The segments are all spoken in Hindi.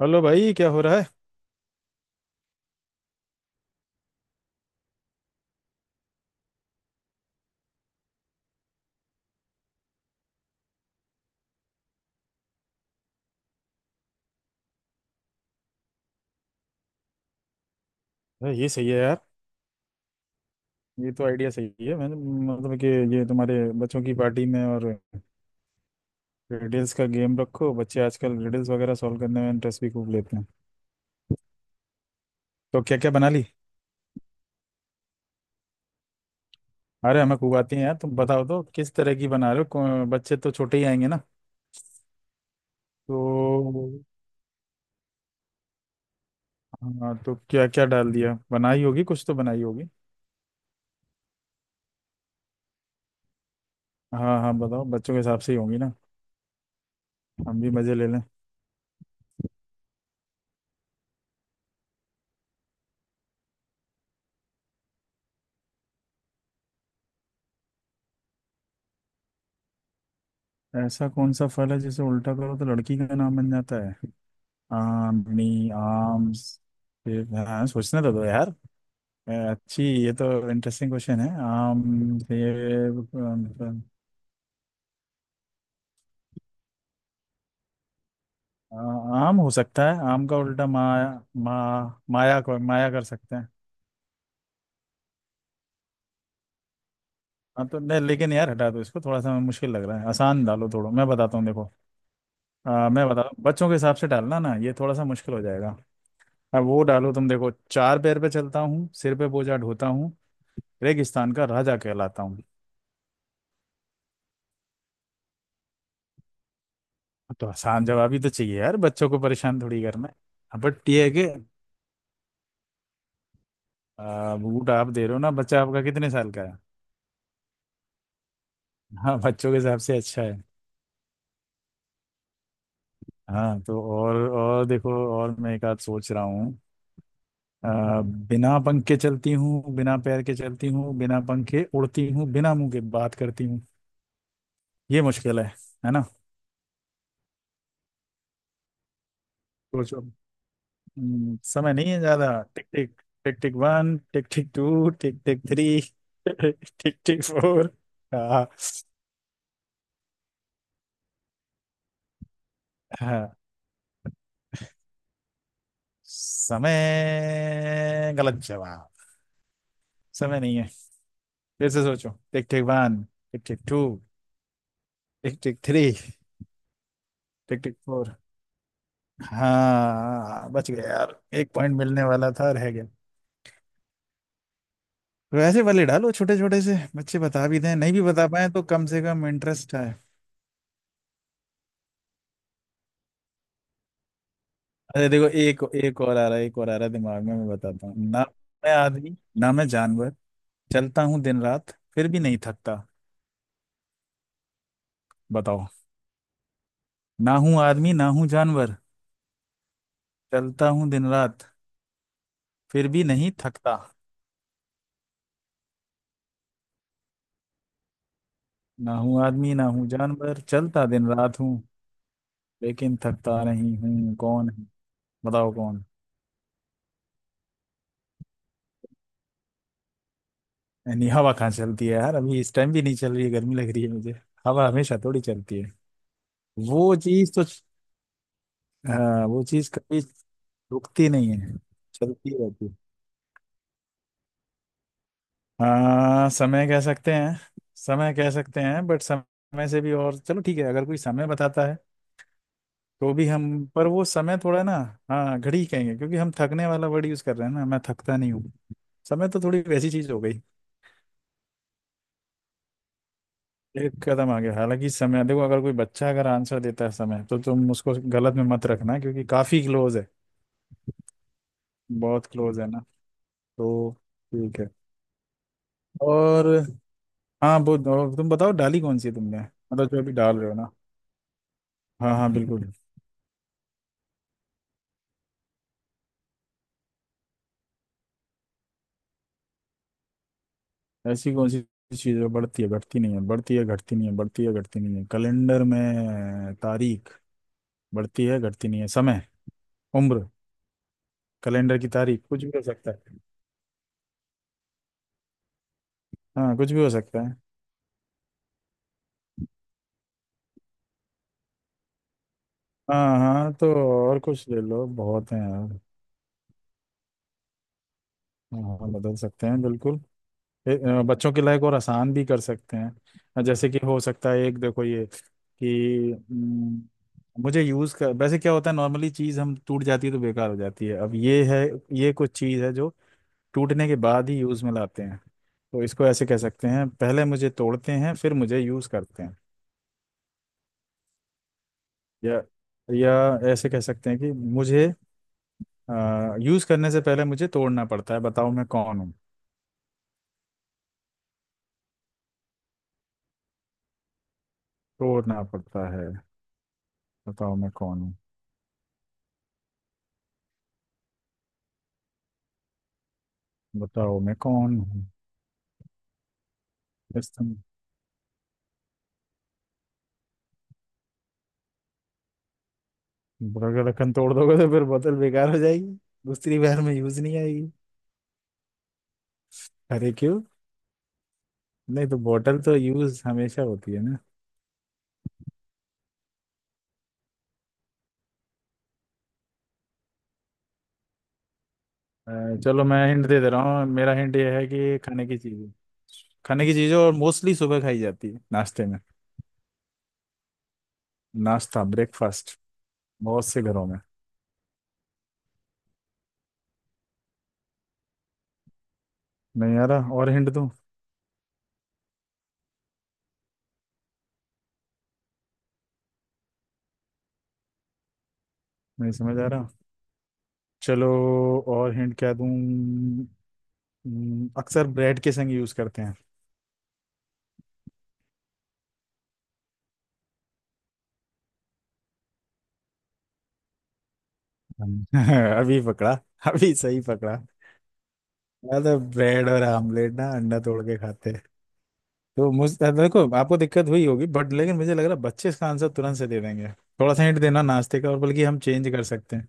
हेलो भाई, क्या हो रहा है। अरे ये सही है यार। ये तो आइडिया सही है। मैंने मतलब कि ये तुम्हारे बच्चों की पार्टी में और रिडल्स का गेम रखो। बच्चे आजकल रिडल्स वगैरह सॉल्व करने में इंटरेस्ट भी खूब लेते हैं। तो क्या क्या बना ली? अरे हमें खूब आती है यार। तुम बताओ तो किस तरह की बना रहे हो? बच्चे तो छोटे ही आएंगे ना? तो हाँ, तो क्या क्या डाल दिया? बनाई होगी कुछ तो बनाई होगी। हाँ हाँ, बताओ, बच्चों के हिसाब से ही होंगी ना। हम भी मजे ले लें। ऐसा कौन सा फल है जिसे उल्टा करो तो लड़की का नाम बन जाता है? आर्मी। आर्म्स। हाँ सोचने तो दो यार। अच्छी, ये तो इंटरेस्टिंग क्वेश्चन है। आम ये। अ, आम हो सकता है, आम का उल्टा माया। माया को माया कर सकते हैं। हाँ तो नहीं, लेकिन यार हटा दो इसको, थोड़ा सा मुश्किल लग रहा है, आसान डालो। थोड़ा मैं बताता हूँ, देखो। मैं बता बच्चों के हिसाब से डालना ना, ये थोड़ा सा मुश्किल हो जाएगा। अब वो डालो, तुम देखो। चार पैर पे चलता हूँ, सिर पे बोझा ढोता हूँ, रेगिस्तान का राजा कहलाता हूँ। तो आसान जवाब ही तो चाहिए यार, बच्चों को परेशान थोड़ी करना है। बट ये है कि बूट आप दे रहे हो ना? बच्चा आपका कितने साल का है? हाँ बच्चों के हिसाब से अच्छा है। हाँ तो और देखो, और मैं एक आध सोच रहा हूँ। आ, बिना पंख के चलती हूँ, बिना पैर के चलती हूँ, बिना पंख के उड़ती हूँ, बिना मुंह के बात करती हूँ। ये मुश्किल है ना? सोचो। समय नहीं है ज्यादा। Tick tick, tick tick one, tick tick two, tick tick three, tick tick four. हाँ हाँ। समय गलत जवाब। समय नहीं है। फिर से सोचो। Tick tick one, tick tick two, tick tick three, tick tick four. हाँ बच गया यार, एक पॉइंट मिलने वाला था, रह गया। वैसे वाले डालो, छोटे छोटे से बच्चे बता भी दें, नहीं भी बता पाए तो कम से कम इंटरेस्ट है। अरे देखो, एक एक और आ रहा है, एक और आ रहा है दिमाग में, मैं बताता हूँ ना मैं आदमी ना मैं जानवर, चलता हूँ दिन रात फिर भी नहीं थकता। बताओ। ना हूँ आदमी, ना हूँ जानवर, चलता हूँ दिन रात फिर भी नहीं थकता। ना हूँ आदमी ना हूँ जानवर, चलता दिन रात हूँ, लेकिन थकता नहीं हूँ, कौन है? बताओ कौन? यानी हवा कहाँ चलती है यार, अभी इस टाइम भी नहीं चल रही है, गर्मी लग रही है मुझे। हवा हमेशा थोड़ी चलती है। वो चीज तो हाँ, वो चीज कभी रुकती नहीं है, चलती रहती है। हाँ समय कह सकते हैं, समय कह सकते हैं, बट समय से भी और, चलो ठीक है। अगर कोई समय बताता है तो भी हम पर वो समय थोड़ा ना। हाँ घड़ी कहेंगे क्योंकि हम थकने वाला वर्ड यूज कर रहे हैं ना, मैं थकता नहीं हूँ, समय तो थोड़ी वैसी चीज हो गई। एक कदम आगे, हालांकि समय, देखो, अगर कोई बच्चा अगर आंसर देता है समय, तो तुम उसको गलत में मत रखना क्योंकि काफी क्लोज है, बहुत क्लोज है ना। तो ठीक है। और हाँ, वो और तुम बताओ डाली कौन सी है तुमने, मतलब जो अभी डाल रहे हो ना। हाँ हाँ बिल्कुल। ऐसी कौन सी चीज है बढ़ती है घटती नहीं है, बढ़ती है घटती नहीं है, बढ़ती है घटती नहीं है? कैलेंडर में तारीख बढ़ती है घटती नहीं है। समय, उम्र, कैलेंडर की तारीख, कुछ भी हो सकता है। हाँ कुछ भी हो सकता है। हाँ हाँ तो और कुछ ले लो, बहुत है यार। हाँ हाँ, बदल सकते हैं बिल्कुल। बच्चों के लायक और आसान भी कर सकते हैं। जैसे कि हो सकता है, एक देखो, ये कि मुझे यूज़ कर वैसे क्या होता है, नॉर्मली चीज़ हम टूट जाती है तो बेकार हो जाती है। अब ये है ये कुछ चीज़ है जो टूटने के बाद ही यूज़ में लाते हैं। तो इसको ऐसे कह सकते हैं, पहले मुझे तोड़ते हैं फिर मुझे यूज़ करते हैं। या या ऐसे कह सकते हैं कि मुझे यूज करने से पहले मुझे तोड़ना पड़ता है, बताओ मैं कौन हूँ? तोड़ना पड़ता है, बताओ मैं कौन हूँ? बताओ मैं कौन हूँ? इस तुम अगर रखन तोड़ दोगे तो फिर बोतल बेकार हो जाएगी, दूसरी बार में यूज नहीं आएगी। अरे क्यों? नहीं तो बोतल तो यूज हमेशा होती है ना। चलो मैं हिंट दे दे रहा हूँ, मेरा हिंट ये है कि खाने की चीजें। खाने की चीजें और मोस्टली सुबह खाई जाती है नाश्ते में। नाश्ता, ब्रेकफास्ट, बहुत से घरों में। नहीं आ रहा, और हिंट दूं? नहीं समझ आ रहा। चलो और हिंट क्या दूं? अक्सर ब्रेड के संग यूज करते हैं। हम। अभी पकड़ा, अभी सही पकड़ा। मतलब ब्रेड और आमलेट ना, अंडा तोड़ के खाते हैं। तो मुझ देखो आपको दिक्कत हुई होगी बट लेकिन मुझे लग रहा है बच्चे इसका आंसर तुरंत से दे देंगे। थोड़ा सा हिंट देना नाश्ते का, और बल्कि हम चेंज कर सकते हैं।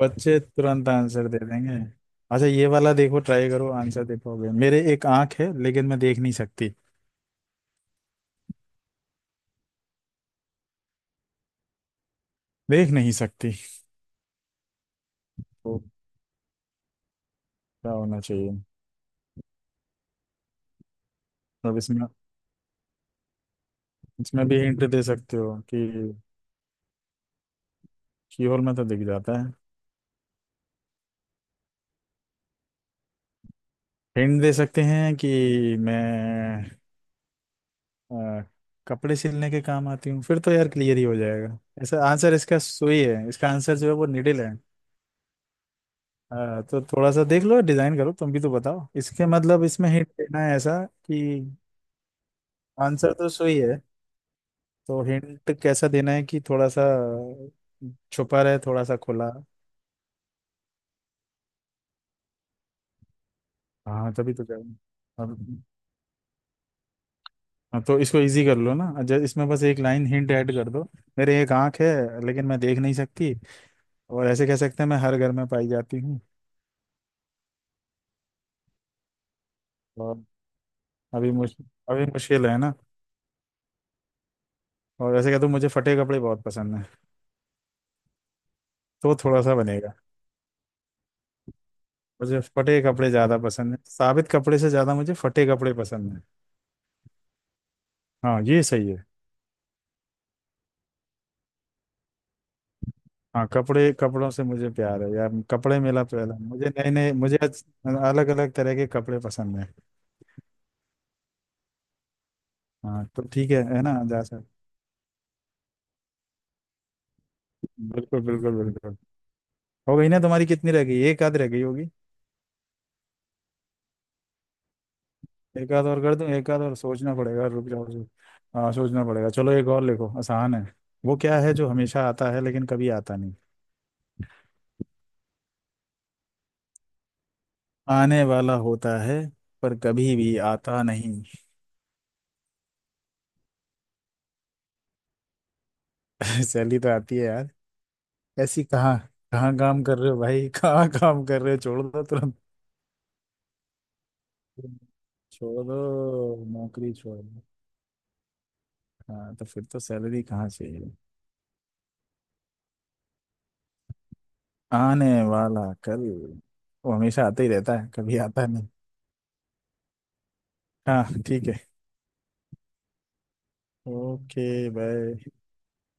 बच्चे तुरंत आंसर दे देंगे। अच्छा ये वाला देखो, ट्राई करो, आंसर दे पाओगे? मेरे एक आंख है लेकिन मैं देख नहीं सकती। देख नहीं सकती। तो क्या होना चाहिए? अब इसमें इसमें भी हिंट दे सकते हो कि शीहोर में तो दिख जाता है। हिंट दे सकते हैं कि मैं अ, कपड़े सिलने के काम आती हूँ, फिर तो यार क्लियर ही हो जाएगा। ऐसा आंसर, इसका सुई है, इसका आंसर जो है वो निडिल है। तो थोड़ा सा देख लो, डिजाइन करो तुम भी, तो बताओ इसके, मतलब इसमें हिंट देना है ऐसा कि आंसर तो सुई है। तो हिंट कैसा देना है कि थोड़ा सा छुपा रहे, थोड़ा सा खुला। हाँ तभी तो कह रहा हूँ। अब हाँ, तो इसको इजी कर लो ना, जब इसमें बस एक लाइन हिंट ऐड कर दो। मेरे एक आंख है लेकिन मैं देख नहीं सकती, और ऐसे कह सकते हैं मैं हर घर में पाई जाती हूँ। और अभी मुश अभी मुश्किल है ना। और ऐसे कह दो मुझे फटे कपड़े बहुत पसंद है, तो थोड़ा सा बनेगा। मुझे फटे कपड़े ज़्यादा पसंद है, साबित कपड़े से ज़्यादा मुझे फटे कपड़े पसंद है। हाँ ये सही है। हाँ कपड़े कपड़ों से मुझे प्यार है यार, कपड़े मेला प्यार है मुझे, नए नए, मुझे अलग अलग तरह के कपड़े पसंद है। हाँ तो ठीक है ना, जा सकते। बिल्कुल बिल्कुल बिल्कुल। हो गई ना तुम्हारी? कितनी रह गई? एक आध रह गई होगी। एक आध और कर दूं, एक आध और सोचना पड़ेगा, रुक जाओ जी। हाँ सोचना पड़ेगा, चलो एक और लिखो, आसान है। वो क्या है जो हमेशा आता है लेकिन कभी आता नहीं, आने वाला होता है पर कभी भी आता नहीं? सैलरी तो आती है यार। ऐसी कहाँ, कहाँ काम कर रहे हो भाई? कहाँ काम कर रहे हो? छोड़ दो तुरंत, छोड़ दो नौकरी, छोड़ दो। हाँ तो फिर तो सैलरी कहाँ चाहिए? आने वाला कल, वो हमेशा आता ही रहता है कभी आता नहीं। हाँ ठीक है। Okay bye.